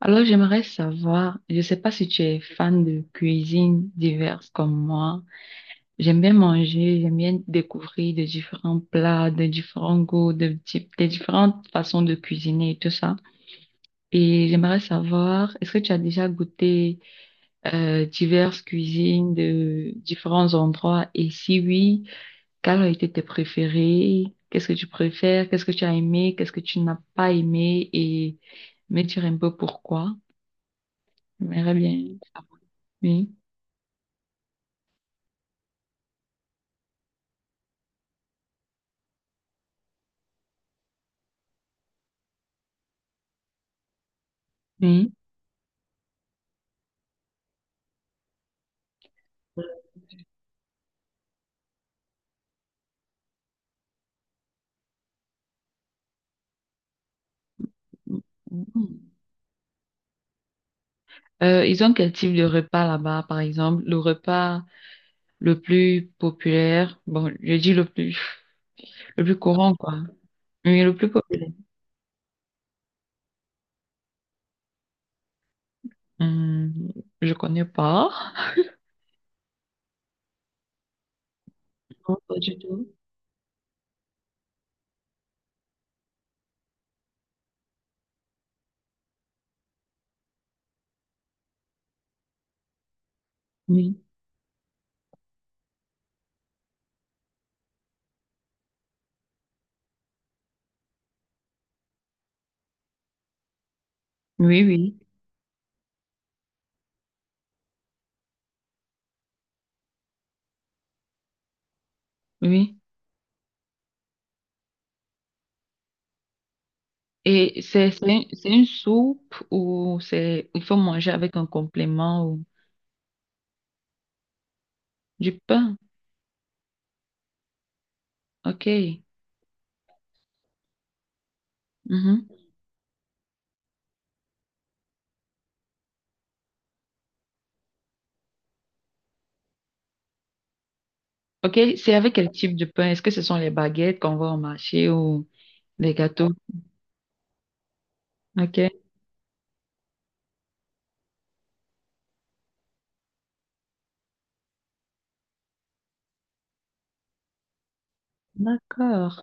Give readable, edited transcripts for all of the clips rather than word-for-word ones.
Alors, j'aimerais savoir, je ne sais pas si tu es fan de cuisine diverses comme moi. J'aime bien manger, j'aime bien découvrir de différents plats, de différents goûts, des différentes façons de cuisiner et tout ça. Et j'aimerais savoir, est-ce que tu as déjà goûté diverses cuisines de différents endroits? Et si oui, quelles ont été tes préférées? Qu'est-ce que tu préfères? Qu'est-ce que tu as aimé? Qu'est-ce que tu n'as pas aimé? Et me dire un peu pourquoi. On verra bien. Oui, oui. Mhm. Ils ont quel type de repas là-bas, par exemple? Le repas le plus populaire, bon, je dis le plus courant, quoi. Mais le plus populaire, hum, je connais pas. Non, pas du tout. Oui, oui, oui, oui. Et c'est une soupe ou c'est, il faut manger avec un complément ou du pain. OK. Mhm. OK, c'est avec quel type de pain? Est-ce que ce sont les baguettes qu'on voit au marché ou des gâteaux. Ok. D'accord.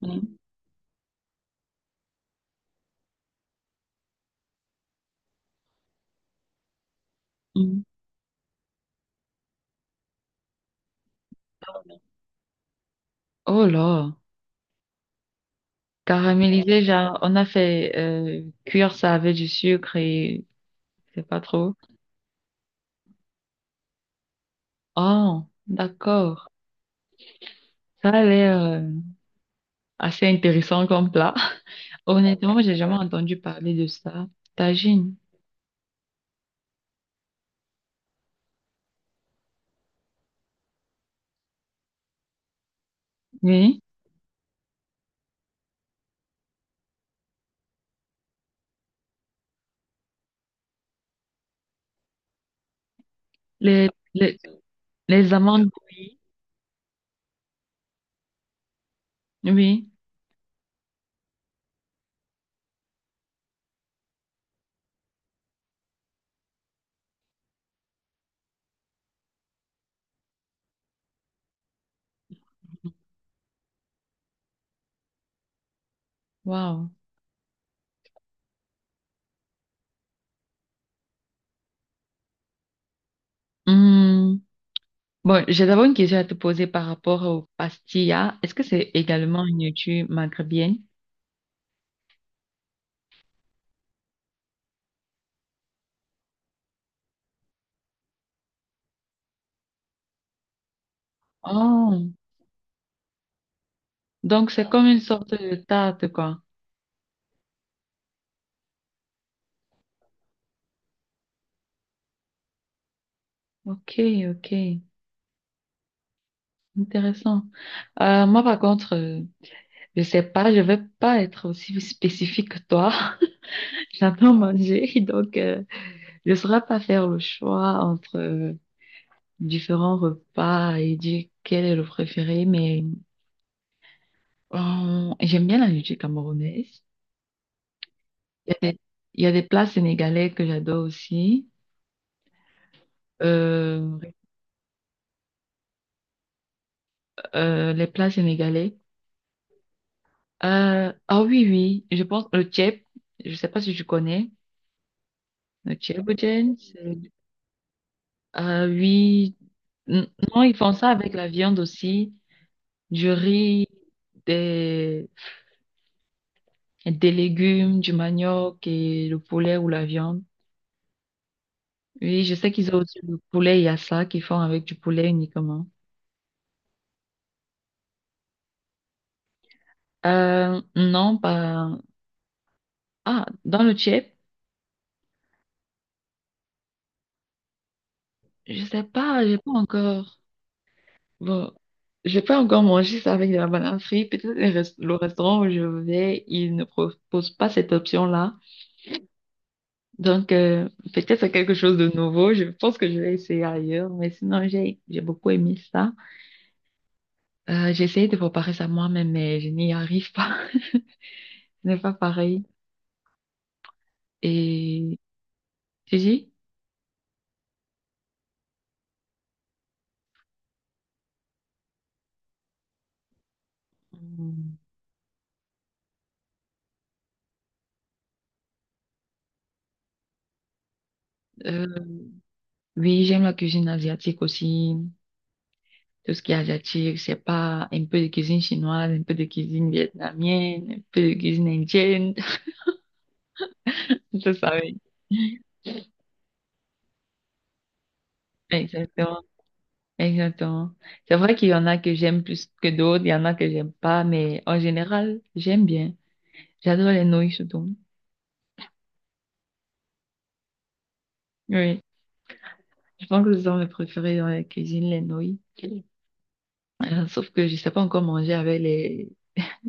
Mm, mm. Oh là. Caramélisé, genre, on a fait cuire ça avec du sucre et c'est pas trop. Oh, d'accord. Ça a l'air assez intéressant comme plat. Honnêtement, j'ai jamais entendu parler de ça. Tagine. Oui. Les, les, les amandes. Oui. Oui. Wow. Hmm. Bon, j'ai d'abord une question à te poser par rapport au pastilla. Est-ce que c'est également une nourriture maghrébienne? Oh, donc c'est voilà, comme une sorte de tarte, quoi. Ok, ok, intéressant. Moi, par contre, je sais pas, je vais pas être aussi spécifique que toi. J'adore manger, donc je saurais pas faire le choix entre différents repas et dire quel est le préféré, mais j'aime bien la nourriture camerounaise. Il y a des, il y a des plats sénégalais que j'adore aussi. Euh, les plats sénégalais. Ah oui, oui, je pense le tchèp, je sais pas si tu connais. Le tchèpotchen, c'est... Ah oui, N- non, ils font ça avec la viande aussi, du riz, des, des légumes, du manioc et le poulet ou la viande. Oui, je sais qu'ils ont aussi le poulet yassa qu'ils font avec du poulet uniquement. Non, pas... Ah, dans le tchèp, je sais pas, j'ai pas encore... Bon, j'ai pas encore mangé ça avec de la banane frite. Peut-être le restaurant où je vais, il ne propose pas cette option-là. Donc, peut-être c'est quelque chose de nouveau. Je pense que je vais essayer ailleurs. Mais sinon, j'ai beaucoup aimé ça. J'ai essayé de préparer ça moi-même, mais je n'y arrive pas. Ce n'est pas pareil. Et tu dis? Hmm, euh, oui, j'aime la cuisine asiatique aussi. Tout ce qui est asiatique, c'est pas un peu de cuisine chinoise, un peu de cuisine vietnamienne, un peu de cuisine indienne. C'est ça, oui. Exactement. Exactement. C'est vrai qu'il y en a que j'aime plus que d'autres, il y en a que j'aime pas, mais en général, j'aime bien. J'adore les nouilles surtout. Oui. Je pense que ce sont mes préférés dans la cuisine, les nouilles. Sauf que je sais pas encore manger avec les,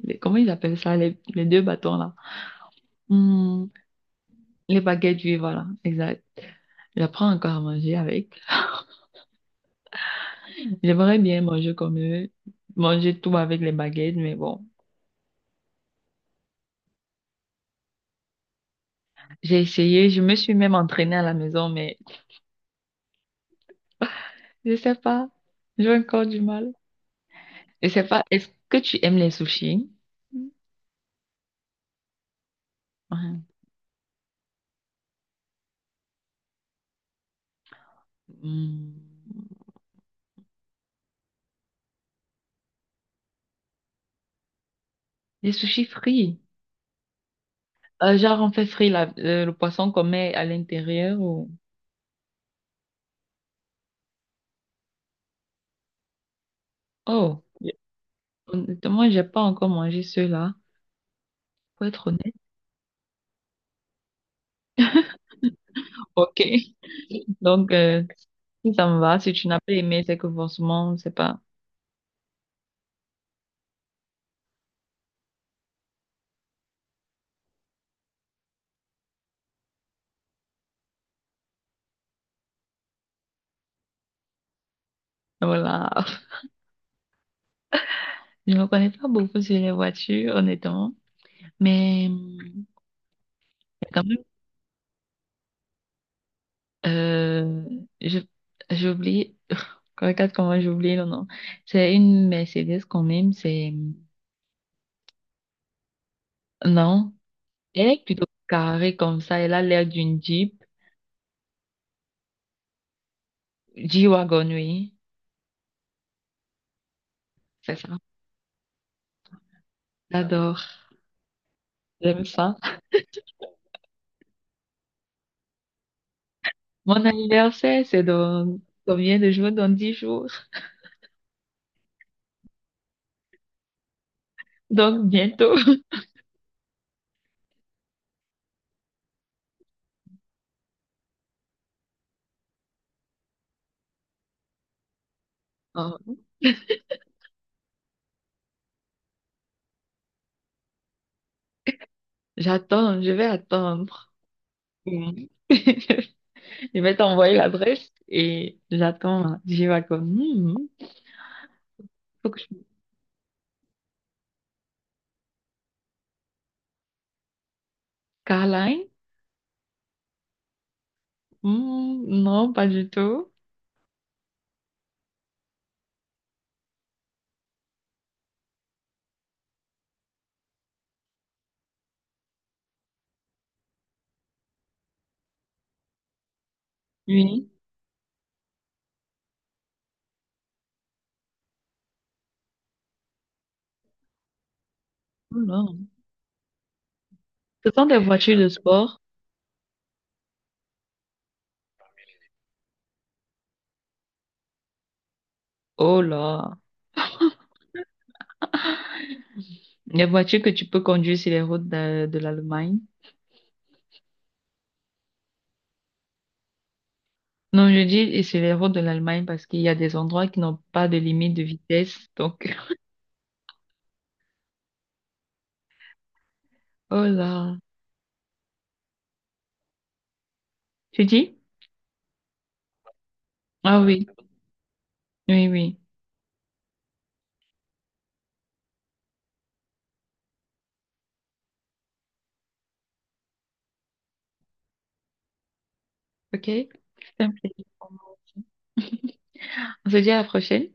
les- comment ils appellent ça, les deux bâtons là. Hmm, les baguettes oui, voilà, exact. J'apprends encore à manger avec. J'aimerais bien manger comme eux, manger tout avec les baguettes, mais bon. J'ai essayé, je me suis même entraînée à la maison, mais je sais pas. J'ai encore du mal. Je sais pas. Est-ce que tu aimes les sushis? Ouais. Hmm. Les sushis frits. Genre, on fait frit le poisson qu'on met à l'intérieur ou... Oh, j'ai- honnêtement, j'ai pas encore mangé ceux-là, pour être honnête. Ok. Donc, si ça me va, si tu n'as pas aimé, c'est que forcément, c'est pas... Voilà. Je ne connais pas beaucoup sur les voitures, honnêtement. Mais, quand même Euh, je- j'ai oublié, regarde comment j'ai oublié le nom. C'est une Mercedes quand même, c'est, non, elle est plutôt carrée comme ça, elle a l'air d'une Jeep, G-Wagon, oui, c'est ça. J'adore, j'aime ça. Mon anniversaire, c'est dans combien de jours? Dans 10 jours. Donc, bientôt. Oh, j'attends, je vais attendre. Mm. Je vais t'envoyer l'adresse et j'attends. G-Wagon. Hmm, faut que je... Caroline? Hmm, non, pas du tout. Oui. Oh là. Ce sont des voitures de sport. Oh là. Les voitures que tu peux conduire sur les routes de l'Allemagne. Non, je dis et sur les routes de l'Allemagne parce qu'il y a des endroits qui n'ont pas de limite de vitesse. Donc, oh là. Tu dis? Ah oui, oui, oui. OK. Simple. On se dit à la prochaine.